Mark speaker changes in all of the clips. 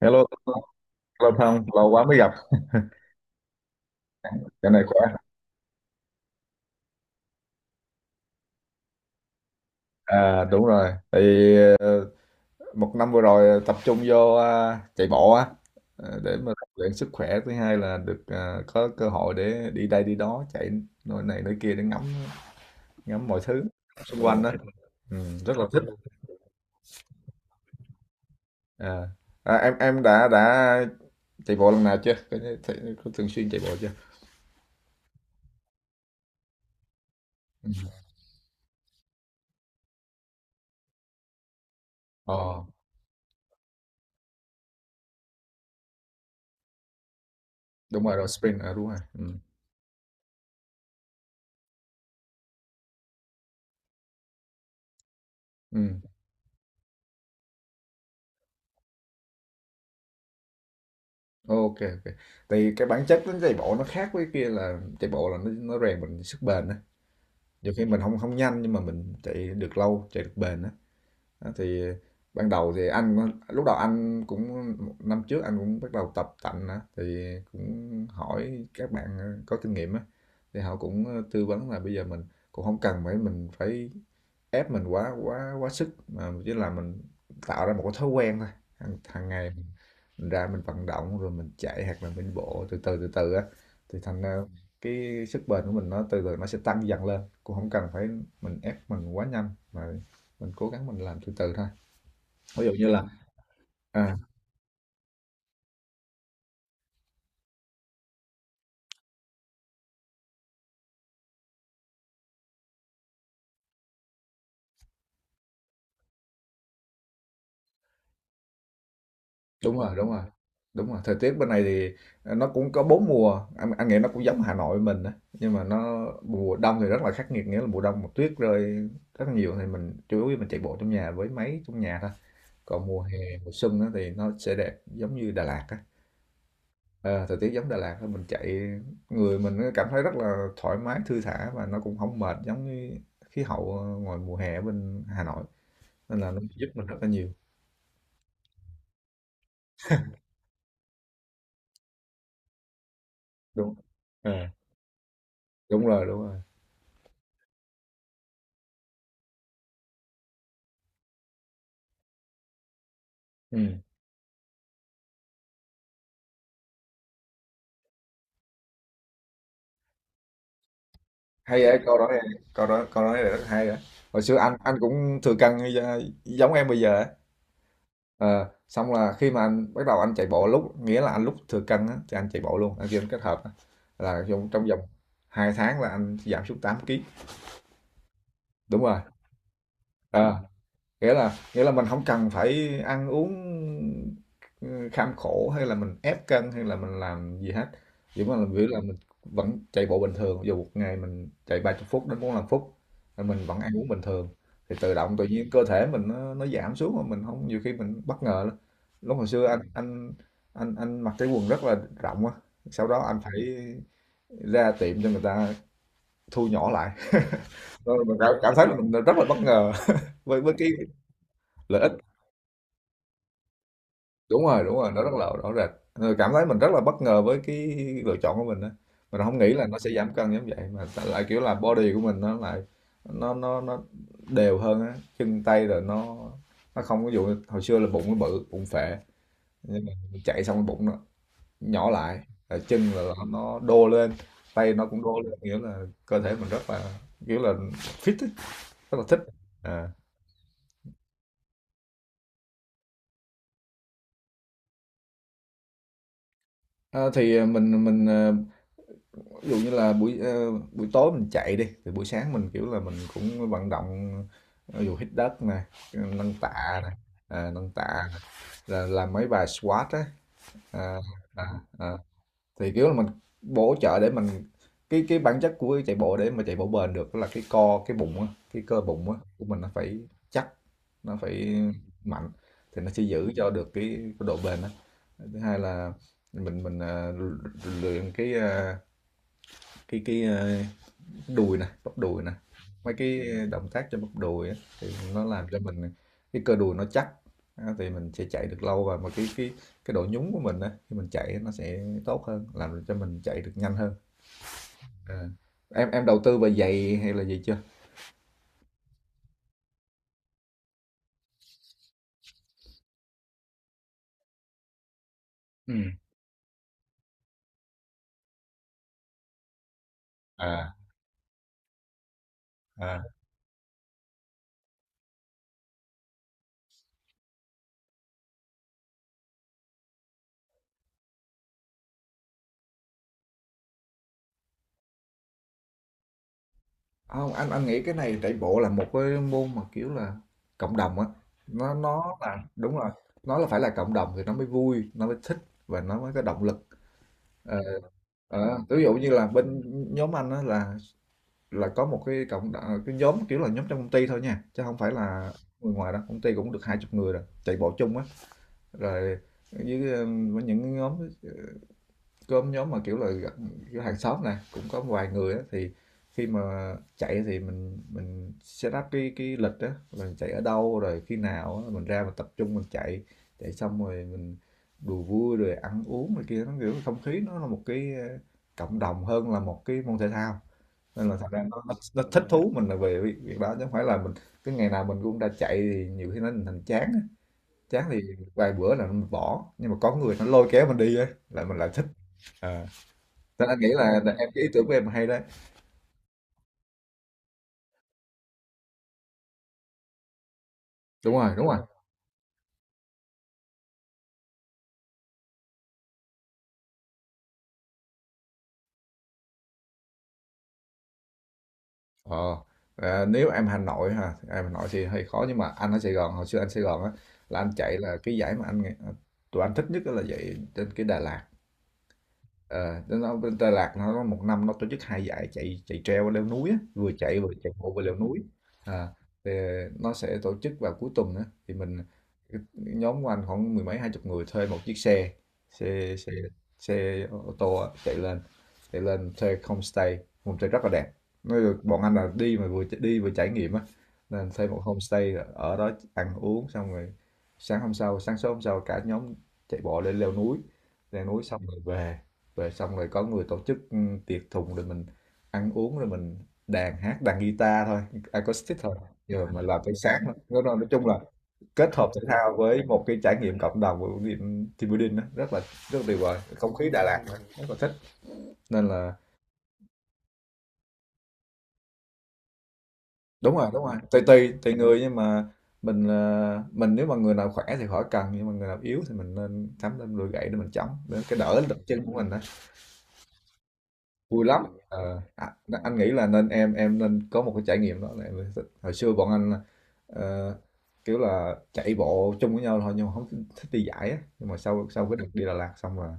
Speaker 1: Hello, lâu không, lâu quá mới gặp, dạo này khỏe. À đúng rồi, thì một năm vừa rồi tập trung vô à, chạy bộ á, để mà rèn luyện sức khỏe. Thứ hai là được à, có cơ hội để đi đây đi đó, chạy nơi này nơi kia để ngắm ngắm mọi thứ xung quanh đó. Ừ, rất là thích. À, à, em đã chạy bộ lần nào chưa? Có thường xuyên chạy bộ chưa? Ồ, đúng rồi, rồi sprint, à, đúng rồi. Ừ. Ừ. Ok, ok. Tại cái bản chất đến chạy bộ nó khác với kia là chạy bộ là nó rèn mình sức bền á. Nhiều khi mình không không nhanh nhưng mà mình chạy được lâu, chạy được bền á. Đó, thì ban đầu thì anh lúc đầu anh cũng năm trước anh cũng bắt đầu tập tành á thì cũng hỏi các bạn có kinh nghiệm á thì họ cũng tư vấn là bây giờ mình cũng không cần phải mình phải ép mình quá quá quá sức mà chỉ là mình tạo ra một cái thói quen thôi hàng ngày mình ra mình vận động rồi mình chạy hoặc là mình bộ từ từ á thì thành ra cái sức bền của mình nó từ từ nó sẽ tăng dần lên cũng không cần phải mình ép mình quá nhanh mà mình cố gắng mình làm từ từ thôi ví dụ như là à, đúng rồi đúng rồi đúng rồi thời tiết bên này thì nó cũng có bốn mùa anh nghĩ nó cũng giống Hà Nội mình á nhưng mà nó mùa đông thì rất là khắc nghiệt nghĩa là mùa đông mà tuyết rơi rất là nhiều thì mình chủ yếu mình chạy bộ trong nhà với máy trong nhà thôi, còn mùa hè mùa xuân á thì nó sẽ đẹp giống như Đà Lạt á. Ờ, thời tiết giống Đà Lạt thôi, mình chạy người mình cảm thấy rất là thoải mái, thư thả và nó cũng không mệt giống như khí hậu ngoài mùa hè ở bên Hà Nội. Nên là nó giúp mình rất là nhiều. Đúng. Ờ, đúng rồi, đúng rồi. Ừ. Hay vậy, câu đó hay. Câu đó câu nói này rất hay á. Hồi xưa anh cũng thừa cân như giống em bây giờ á. Ờ, xong là khi mà anh bắt đầu anh chạy bộ lúc nghĩa là anh lúc thừa cân á thì anh chạy bộ luôn, anh kêu kết hợp á. Là trong trong vòng 2 tháng là anh giảm xuống 8 ký. Đúng rồi. Ờ, nghĩa là mình không cần phải ăn uống, ừ, kham khổ hay là mình ép cân hay là mình làm gì hết, chỉ mà mình biểu là mình vẫn chạy bộ bình thường, dù một ngày mình chạy 30 phút đến 45 phút, rồi mình vẫn ăn uống bình thường, thì tự động tự nhiên cơ thể mình nó giảm xuống mà mình không nhiều khi mình bất ngờ lắm. Lúc hồi xưa anh mặc cái quần rất là rộng á, sau đó anh phải ra tiệm cho người ta thu nhỏ lại, rồi mình cảm cảm thấy là mình rất là bất ngờ với cái lợi ích đúng rồi nó rất là rõ rệt. Ờ, cảm thấy mình rất là bất ngờ với cái lựa chọn của mình á, mình không nghĩ là nó sẽ giảm cân giống vậy mà lại kiểu là body của mình nó lại nó đều hơn á chân tay rồi nó không có dụ hồi xưa là bụng nó bự bụng phệ nhưng mà mình chạy xong cái bụng nó nhỏ lại, rồi chân là nó đô lên, tay nó cũng đô lên nghĩa là cơ thể mình rất là kiểu là fit á, rất là thích à. À, thì mình ví dụ như là buổi, buổi tối mình chạy đi, thì buổi sáng mình, kiểu là, mình cũng vận động, ví dụ hít đất nè, nâng tạ nè, ờ, nâng tạ nè, rồi làm mấy bài squat á, ờ, ờ, ờ. Thì, kiểu là, mình bổ trợ để mình cái bản chất của chạy bộ để mà chạy bộ bền được là cái co, cái bụng á, cái cơ bụng á của mình nó phải chắc, nó phải mạnh thì nó sẽ giữ cho được cái độ bền á. Thứ hai là mình luyện cái cái cái ờ, đùi nè, bắp đùi nè, mấy cái động tác cho bắp đùi á, thì nó làm cho mình cái cơ đùi nó chắc á, thì mình sẽ chạy được lâu và mà cái độ nhún của mình á, khi mình chạy nó sẽ tốt hơn, làm cho mình chạy được nhanh hơn. Ờ. Em đầu tư về giày hay là gì chưa? Ừ. À, à. Không, anh nghĩ cái này chạy bộ là một cái môn mà kiểu là cộng đồng á, nó là đúng rồi, nó là phải là cộng đồng thì nó mới vui, nó mới thích và nó mới có động lực. Ờ, ờ, ví dụ như là bên nhóm anh á là có một cái cộng đ cái nhóm, kiểu là, nhóm trong công ty thôi nha, chứ không phải là người ngoài đâu, công ty cũng được hai chục người rồi, chạy bộ chung á. Rồi với, ơ, với những cái nhóm, ờ, có nhóm mà, kiểu là, gặp kiểu hàng xóm nè, cũng có vài người á, thì khi mà chạy thì mình set up cái lịch á, mình chạy ở đâu, rồi khi nào á mình ra mình tập trung mình chạy, chạy xong rồi mình đùa vui rồi ăn uống này kia, nó, kiểu, không khí nó là một cái, ơ, cộng đồng hơn là một cái môn thể thao, nên là thành ra nó thích thú mình là về việc đó chứ không phải là mình cứ ngày nào mình cũng ra chạy thì nhiều khi nó thành chán á. Chán thì vài bữa là mình bỏ nhưng mà có người nó lôi kéo mình đi á là mình lại thích à. Nên anh nghĩ là em cái ý tưởng của em hay đấy. Đúng rồi đúng rồi. Ờ, à, nếu em Hà Nội ha em Hà Nội thì hơi khó nhưng mà anh ở Sài Gòn hồi xưa anh Sài Gòn á là anh chạy là cái giải mà tụi anh thích nhất đó là chạy trên cái Đà Lạt. Ờ, nó bên Đà Lạt nó một năm nó tổ chức hai giải chạy chạy treo leo núi á, vừa chạy bộ vừa leo núi. À, thì nó sẽ tổ chức vào cuối tuần á thì cái nhóm của anh khoảng mười mấy hai chục người thuê một chiếc xe xe xe xe ô tô á, chạy lên thuê homestay, homestay rất là đẹp, nói là bọn anh là đi mà vừa đi vừa trải nghiệm á nên thuê một homestay ở đó ăn uống xong rồi sáng hôm sau sáng sớm hôm sau cả nhóm chạy bộ lên leo núi, leo núi xong rồi về rồi xong rồi có người tổ chức tiệc thùng rồi mình ăn uống rồi mình đàn hát đàn guitar thôi acoustic thôi rồi mà làm tới sáng lắm. Nói chung là kết hợp thể thao với một cái trải nghiệm cộng đồng của team team building đó, rất là tuyệt vời. Không khí Đà Lạt rất là thích nên là. Đúng rồi đúng rồi, tùy tùy tùy người nhưng mà mình, mình nếu mà người nào khỏe thì khỏi cần, nhưng mà người nào yếu thì mình nên sắm lên đôi gậy để mình chống, để cái đỡ lực chân của mình. Vui lắm. Ờ, à, anh nghĩ là nên em nên có một cái trải nghiệm đó là em mới. Hồi xưa bọn anh ờ, kiểu là chạy bộ chung với nhau thôi nhưng mà không thích, thích đi giải á, nhưng mà sau sau cái đợt đi Đà Lạt xong là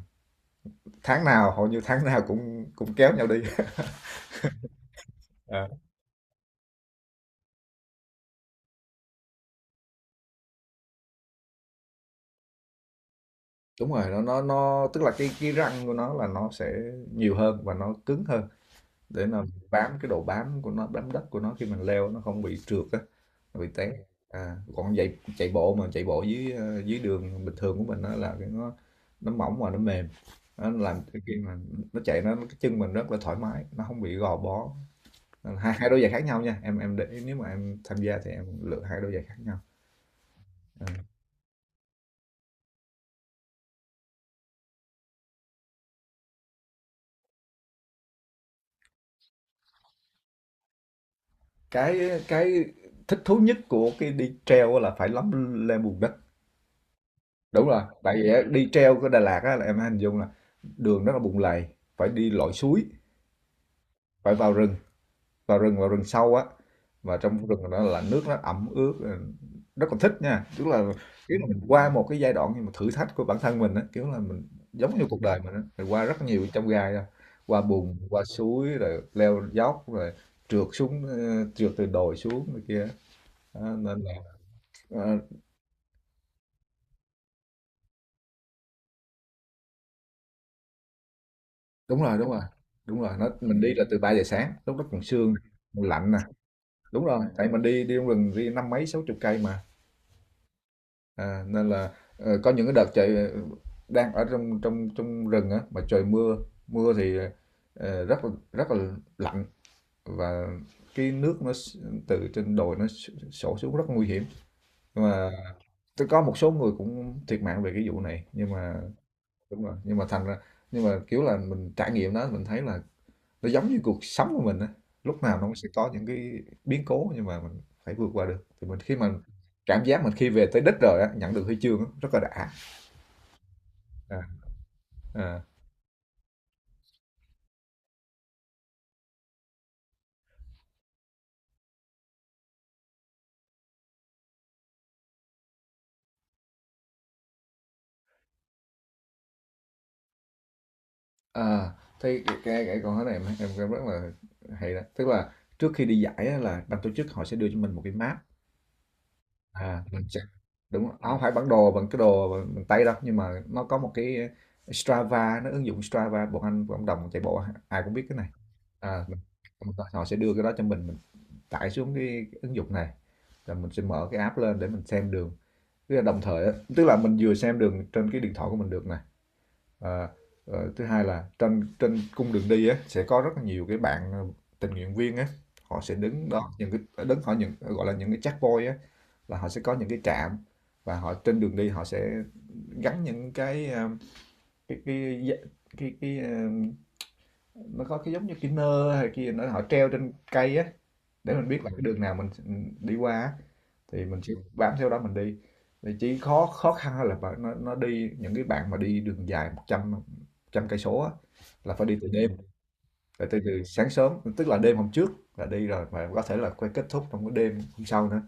Speaker 1: tháng nào hầu như tháng nào cũng cũng kéo nhau đi. Ờ, đúng rồi, nó tức là cái răng của nó là nó sẽ nhiều hơn và nó cứng hơn để nó bám, cái độ bám của nó, bám đất của nó khi mình leo nó không bị trượt á, nó bị té. À, còn chạy chạy bộ mà chạy bộ dưới, dưới đường bình thường của mình đó là cái nó mỏng và nó mềm, nó làm cho khi mà nó chạy nó cái chân mình rất là thoải mái, nó không bị gò bó. Nên hai hai đôi giày khác nhau nha em để ý, nếu mà em tham gia thì em lựa hai đôi giày khác nhau. Ừ. Cái thích thú nhất của cái đi treo là phải lắm lên bùn đất. Đúng rồi, tại vì á, đi treo của Đà Lạt á là em hình dung là đường rất là bùn lầy, phải đi lội suối, phải vào rừng, vào rừng sâu á. Và trong rừng đó là nước nó ẩm ướt, ừ, rất là thích nha. Tức là kiểu là mình qua một cái giai đoạn nhưng mà thử thách của bản thân mình á, kiểu là mình giống như cuộc đời mình á, mình qua rất nhiều trong gai á, qua bùn, qua suối, rồi leo dốc, rồi trượt xuống, trượt từ đồi xuống này kia á. Đó, nên là ờ, đúng rồi đúng rồi. Đúng rồi, mình đi là từ 3 giờ sáng, lúc đó còn sương còn lạnh. Đúng rồi, tại mình đi, đi trong rừng đi năm mấy sáu chục cây mà. Nên là có những cái đợt trời, đang ở trong trong trong rừng á mà trời mưa, mưa thì rất là lạnh, và cái nước nó từ trên đồi nó sổ xuống rất nguy hiểm. Nhưng mà tôi có một số người cũng thiệt mạng về cái vụ này, nhưng mà đúng rồi. Nhưng mà thành ra, nhưng mà kiểu là mình trải nghiệm đó mình thấy là nó giống như cuộc sống của mình á, lúc nào nó cũng sẽ có những cái biến cố nhưng mà mình phải vượt qua được thì mình, khi mà cảm giác mình khi về tới đích rồi á, nhận được huy chương á, rất là đã. à, à, à, Thấy cái con cái này em, em rất là hay đó, tức là trước khi đi giải á, là ban tổ chức họ sẽ đưa cho mình một cái map. À, mình sẽ, đúng rồi. Nó không phải bản đồ bằng cái đồ bằng, bằng tay đâu, nhưng mà nó có một cái Strava, nó ứng dụng Strava, bọn anh cộng đồng chạy bộ ai cũng biết cái này. à, mình, Họ sẽ đưa cái đó cho mình tải xuống cái ứng dụng này, rồi mình sẽ mở cái app lên để mình xem đường, tức là đồng thời á, tức là mình vừa xem đường trên cái điện thoại của mình được nè. à, Thứ hai là trên trên cung đường đi á sẽ có rất là nhiều cái bạn, tình nguyện viên á, họ sẽ đứng đó những cái, đứng họ những, gọi là những cái checkpoint á, là họ sẽ có những cái trạm. Và họ trên đường đi họ sẽ gắn những cái, cái cái cái, cái, cái ờ, nó có cái giống như cái nơ hay kia nó họ treo trên cây á, để mình biết là cái đường nào mình, ừ, đi qua á, thì mình chỉ bám theo đó mình đi. Thì chỉ khó khó khăn là nó đi những cái bạn mà đi đường dài một trăm trăm cây số á, là phải đi từ đêm, phải từ sáng sớm, tức là đêm hôm trước là đi rồi mà có thể là quay kết thúc trong cái đêm hôm sau nữa,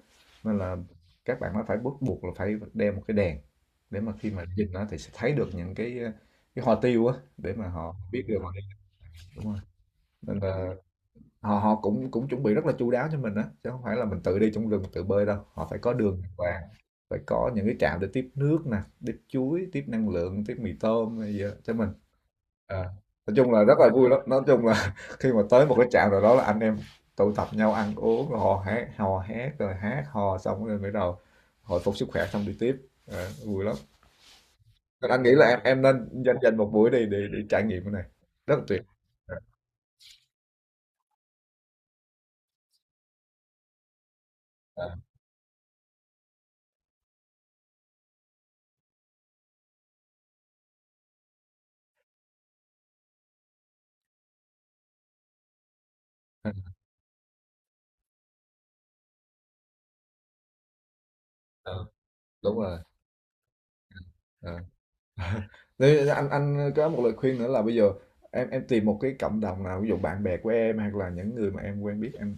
Speaker 1: nên là các bạn nó phải bắt buộc là phải đeo một cái đèn, để mà khi mà nhìn nó thì sẽ thấy được những cái hoa tiêu á để mà họ biết được họ đi đúng rồi. Nên là họ họ cũng cũng chuẩn bị rất là chu đáo cho mình á, chứ không phải là mình tự đi trong rừng tự bơi đâu, họ phải có đường đàng hoàng, phải có những cái trạm để tiếp nước nè, tiếp chuối, tiếp năng lượng, tiếp mì tôm hay gì đó cho mình. Ờ. Nói chung là rất là vui lắm, nói chung là khi mà tới một cái trạm nào đó là anh em tụ tập nhau ăn uống rồi hò hét rồi hát hò xong rồi bắt đầu hồi phục sức khỏe xong đi tiếp. Ờ, vui lắm. Nên anh nghĩ là em nên dành dành một buổi đi để trải nghiệm cái này, rất là tuyệt. Ờ, ờ, ờ, đúng rồi. Ờ. Thế anh có một lời khuyên nữa là bây giờ em tìm một cái cộng đồng nào, ví dụ bạn bè của em hoặc là những người mà em quen biết, em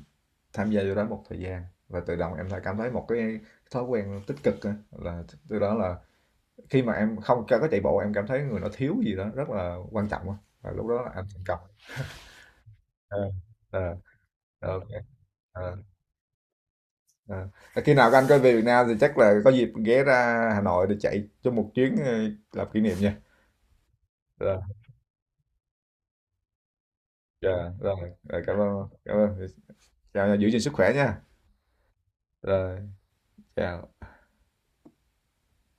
Speaker 1: tham gia vô đó một thời gian, và tự động em lại cảm thấy một cái thói quen tích cực á, là từ đó là khi mà em không có chạy bộ em cảm thấy người nó thiếu gì đó rất là quan trọng á. Và lúc đó là anh thành công. Ờ, ờ, ok. Ờ, ờ. Và khi nào các anh có về Việt Nam thì chắc là có dịp ghé ra Hà Nội để chạy cho một chuyến, làm kỷ niệm nha. Rồi. Dạ, rồi. Rồi, cảm ơn cảm ơn. Chào, giữ gìn sức khỏe nha. Rồi, chào.